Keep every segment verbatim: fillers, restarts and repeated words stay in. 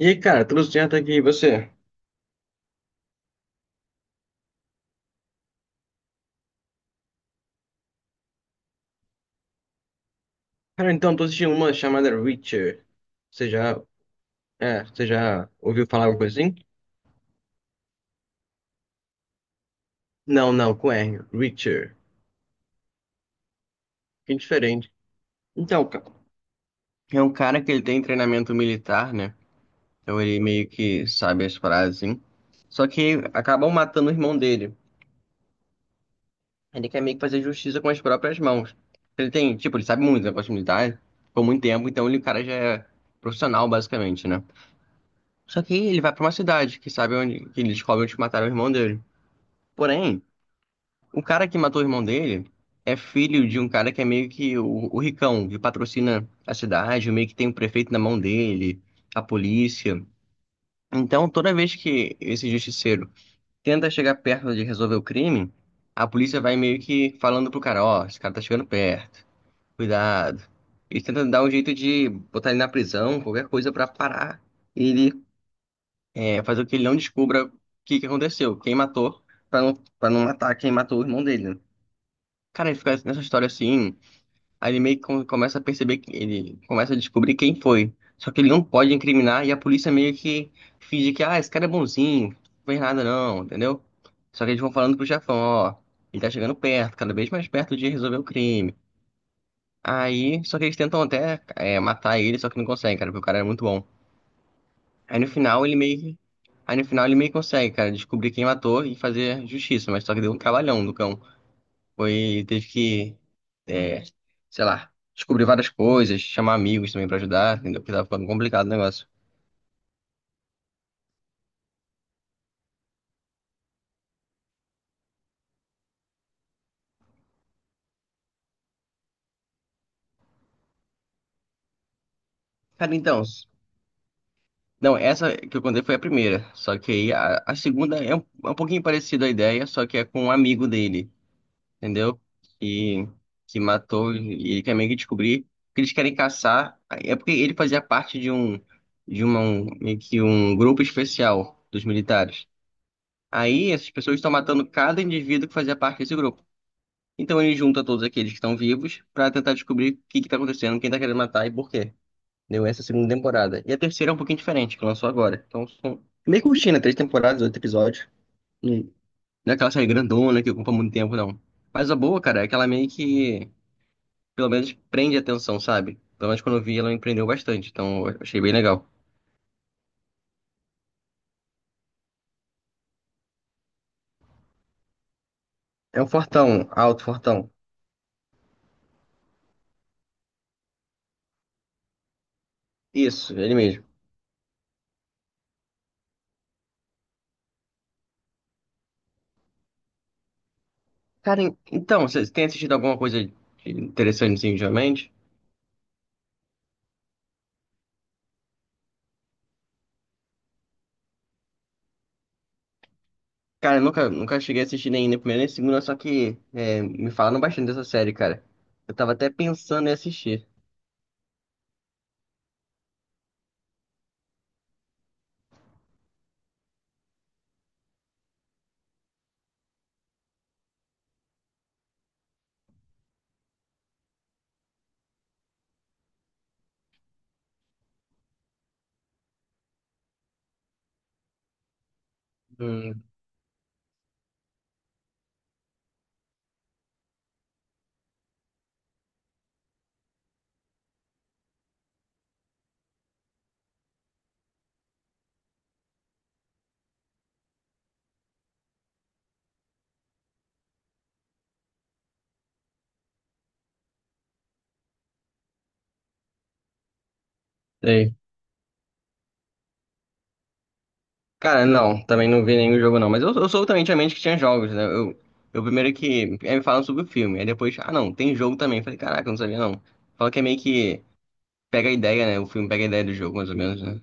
E aí, cara, tudo certo aqui, e você? Cara, então, tô assistindo uma chamada Reacher. Você já, é, você já ouviu falar alguma coisa assim? Não, não, com R, Reacher. Que diferente. Então, ca- é um cara que ele tem treinamento militar, né? Então ele meio que sabe as frases, assim. Só que acabam matando o irmão dele. Ele quer meio que fazer justiça com as próprias mãos. Ele tem, tipo, ele sabe muito, né, negócio militar, por muito tempo, então ele, o cara já é profissional, basicamente, né? Só que aí ele vai pra uma cidade que sabe onde que ele descobre onde mataram o irmão dele. Porém, o cara que matou o irmão dele é filho de um cara que é meio que o, o ricão, que patrocina a cidade, meio que tem o prefeito na mão dele, a polícia. Então, toda vez que esse justiceiro tenta chegar perto de resolver o crime, a polícia vai meio que falando pro cara, ó, esse cara tá chegando perto, cuidado. Ele tenta dar um jeito de botar ele na prisão, qualquer coisa pra parar ele, É, fazer com que ele não descubra o que que aconteceu, quem matou, pra não, pra não matar quem matou o irmão dele, né? Cara, ele fica nessa história assim, aí ele meio que come- começa a perceber que ele começa a descobrir quem foi. Só que ele não pode incriminar e a polícia meio que finge que, ah, esse cara é bonzinho, não fez nada não, entendeu? Só que eles vão falando pro chefão, ó, ele tá chegando perto, cada vez mais perto de resolver o crime. Aí, só que eles tentam até é, matar ele, só que não conseguem, cara, porque o cara é muito bom. Aí no final ele meio que. Aí no final ele meio que consegue, cara, descobrir quem matou e fazer justiça, mas só que deu um trabalhão do cão. Foi, teve que, é, sei lá, descobrir várias coisas, chamar amigos também pra ajudar, entendeu? Porque tava ficando complicado o negócio. Cara, então, não, essa que eu contei foi a primeira, só que aí a, a segunda é um, é um pouquinho parecida a ideia, só que é com um amigo dele. Entendeu? Que, que matou e ele quer meio que descobrir que eles querem caçar. É porque ele fazia parte de um de uma, um, meio que um grupo especial dos militares. Aí essas pessoas estão matando cada indivíduo que fazia parte desse grupo. Então ele junta todos aqueles que estão vivos para tentar descobrir o que que tá acontecendo, quem tá querendo matar e por quê. Deu, essa é segunda temporada. E a terceira é um pouquinho diferente, que lançou agora. Então são meio curtinha, né? Três temporadas, oito episódios. Não é aquela série grandona que ocupa muito tempo, não. Mas a boa, cara, é que ela meio que pelo menos prende atenção, sabe? Pelo menos quando eu vi, ela me prendeu bastante, então eu achei bem legal. É um fortão, alto fortão. Isso, ele mesmo. Cara, en- então, você tem assistido alguma coisa de- interessante assim, ultimamente? Cara, eu nunca, nunca cheguei a assistir nem, nem primeira nem na segunda, só que é, me falaram bastante dessa série, cara. Eu tava até pensando em assistir. Hum, sei. Cara, não, também não vi nenhum jogo não, mas eu, eu sou também tinha mente que tinha jogos, né? Eu, eu primeiro que, aí me falam sobre o filme, aí depois, ah não, tem jogo também. Falei, caraca, eu não sabia não. Fala que é meio que pega a ideia, né? O filme pega a ideia do jogo, mais ou menos, né?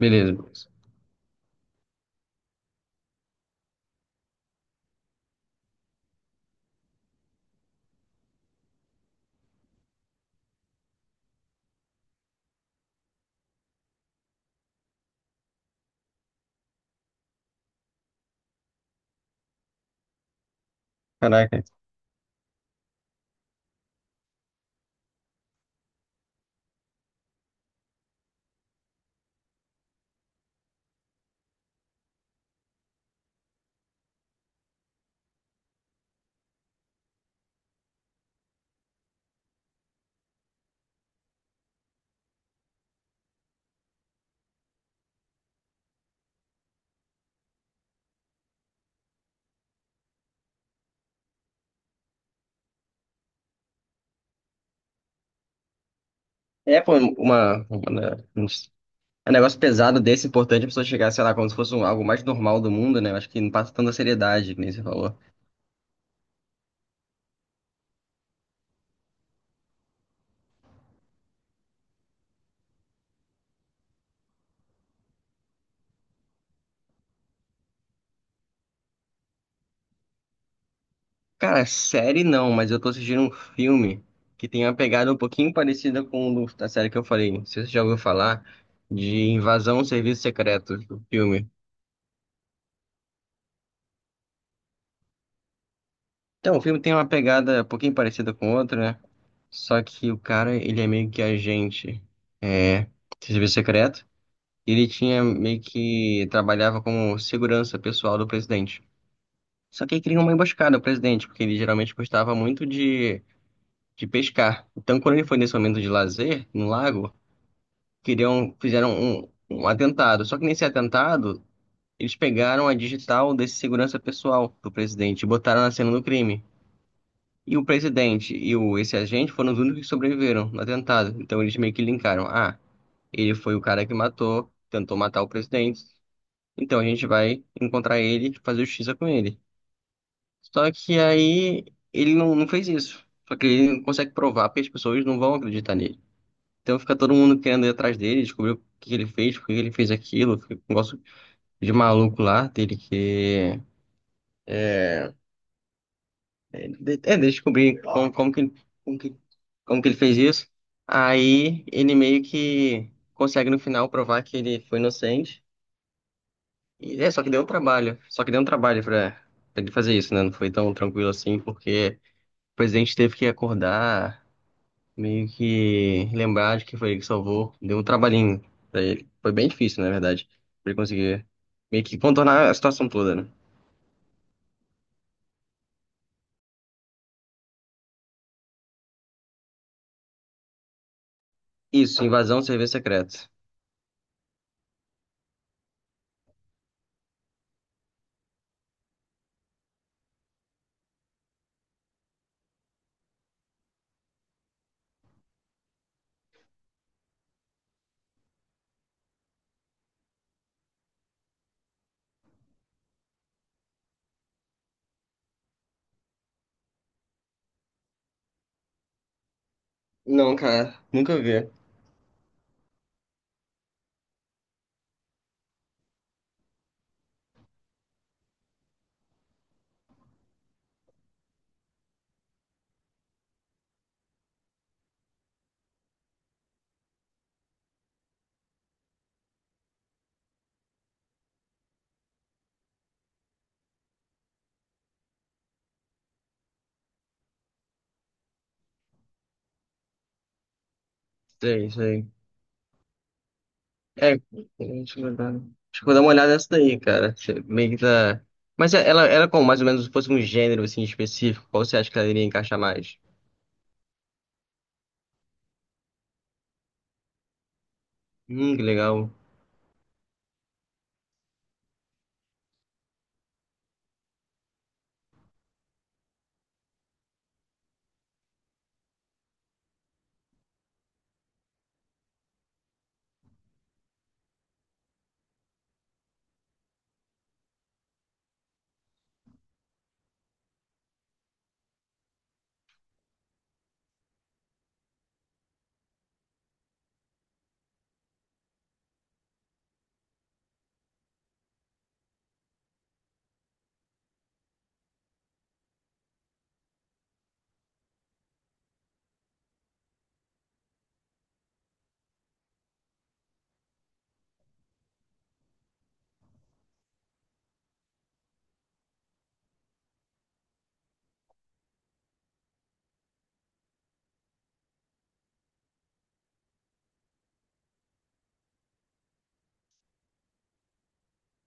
Beleza. Caraca. É, pô, uma, uma- né, um negócio pesado desse, importante a pessoa chegar, sei lá, como se fosse um- algo mais normal do mundo, né? Eu acho que não passa tanta seriedade, que nem você falou. Cara, série não, mas eu tô assistindo um filme que tem uma pegada um pouquinho parecida com o do- da série que eu falei. Não sei se você já ouviu falar de Invasão ao Serviço Secreto, o filme. Então, o filme tem uma pegada um pouquinho parecida com outra, né? Só que o cara, ele é meio que agente, é, de serviço secreto. E ele tinha meio que trabalhava como segurança pessoal do presidente. Só que aí criou uma emboscada ao presidente, porque ele geralmente gostava muito de, de, pescar. Então, quando ele foi nesse momento de lazer, no lago, queriam, fizeram um, um atentado. Só que nesse atentado, eles pegaram a digital desse segurança pessoal do presidente e botaram na cena do crime. E o presidente e o, esse agente foram os únicos que sobreviveram no atentado. Então eles meio que linkaram. Ah, ele foi o cara que matou, tentou matar o presidente. Então a gente vai encontrar ele e fazer justiça com ele. Só que aí ele não, não fez isso. Só que ele não consegue provar porque as pessoas não vão acreditar nele. Então fica todo mundo querendo ir atrás dele, descobrir o que que ele fez, por que ele fez aquilo. Fica um negócio de maluco lá dele que. É, é, de- é descobrir como, como que, como que, como que ele fez isso. Aí ele meio que consegue no final provar que ele foi inocente. E, é, só que deu um trabalho. Só que deu um trabalho pra, pra ele fazer isso, né? Não foi tão tranquilo assim, porque o presidente teve que acordar, meio que lembrar de que foi ele que salvou. Deu um trabalhinho pra ele. Foi bem difícil, na verdade, pra ele conseguir meio que contornar a situação toda, né? Isso, Invasão de Serviço Secreto. Não, cara, nunca vi. Sei, sei. É, deixa eu dar, deixa eu dar uma olhada nessa daí, cara. Você meio que tá. Mas ela, ela é como mais ou menos se fosse um gênero assim específico, qual você acha que ela iria encaixar mais? Hum, que legal.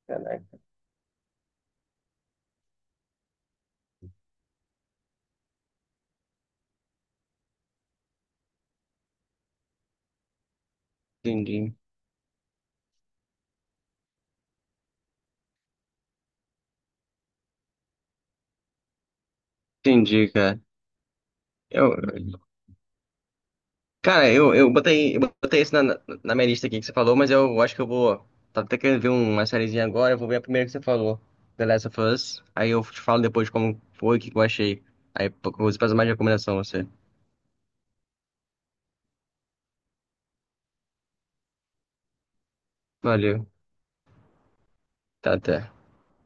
Caraca. Entendi. Entendi, cara. Eu, cara, eu, eu botei, eu botei isso na, na na minha lista aqui que você falou, mas eu acho que eu vou. Tava até querendo ver uma sériezinha agora, eu vou ver a primeira que você falou, The Last of Us. Aí eu te falo depois como foi, o que que eu achei. Aí eu vou fazer mais recomendação a você. Valeu. Tá, até.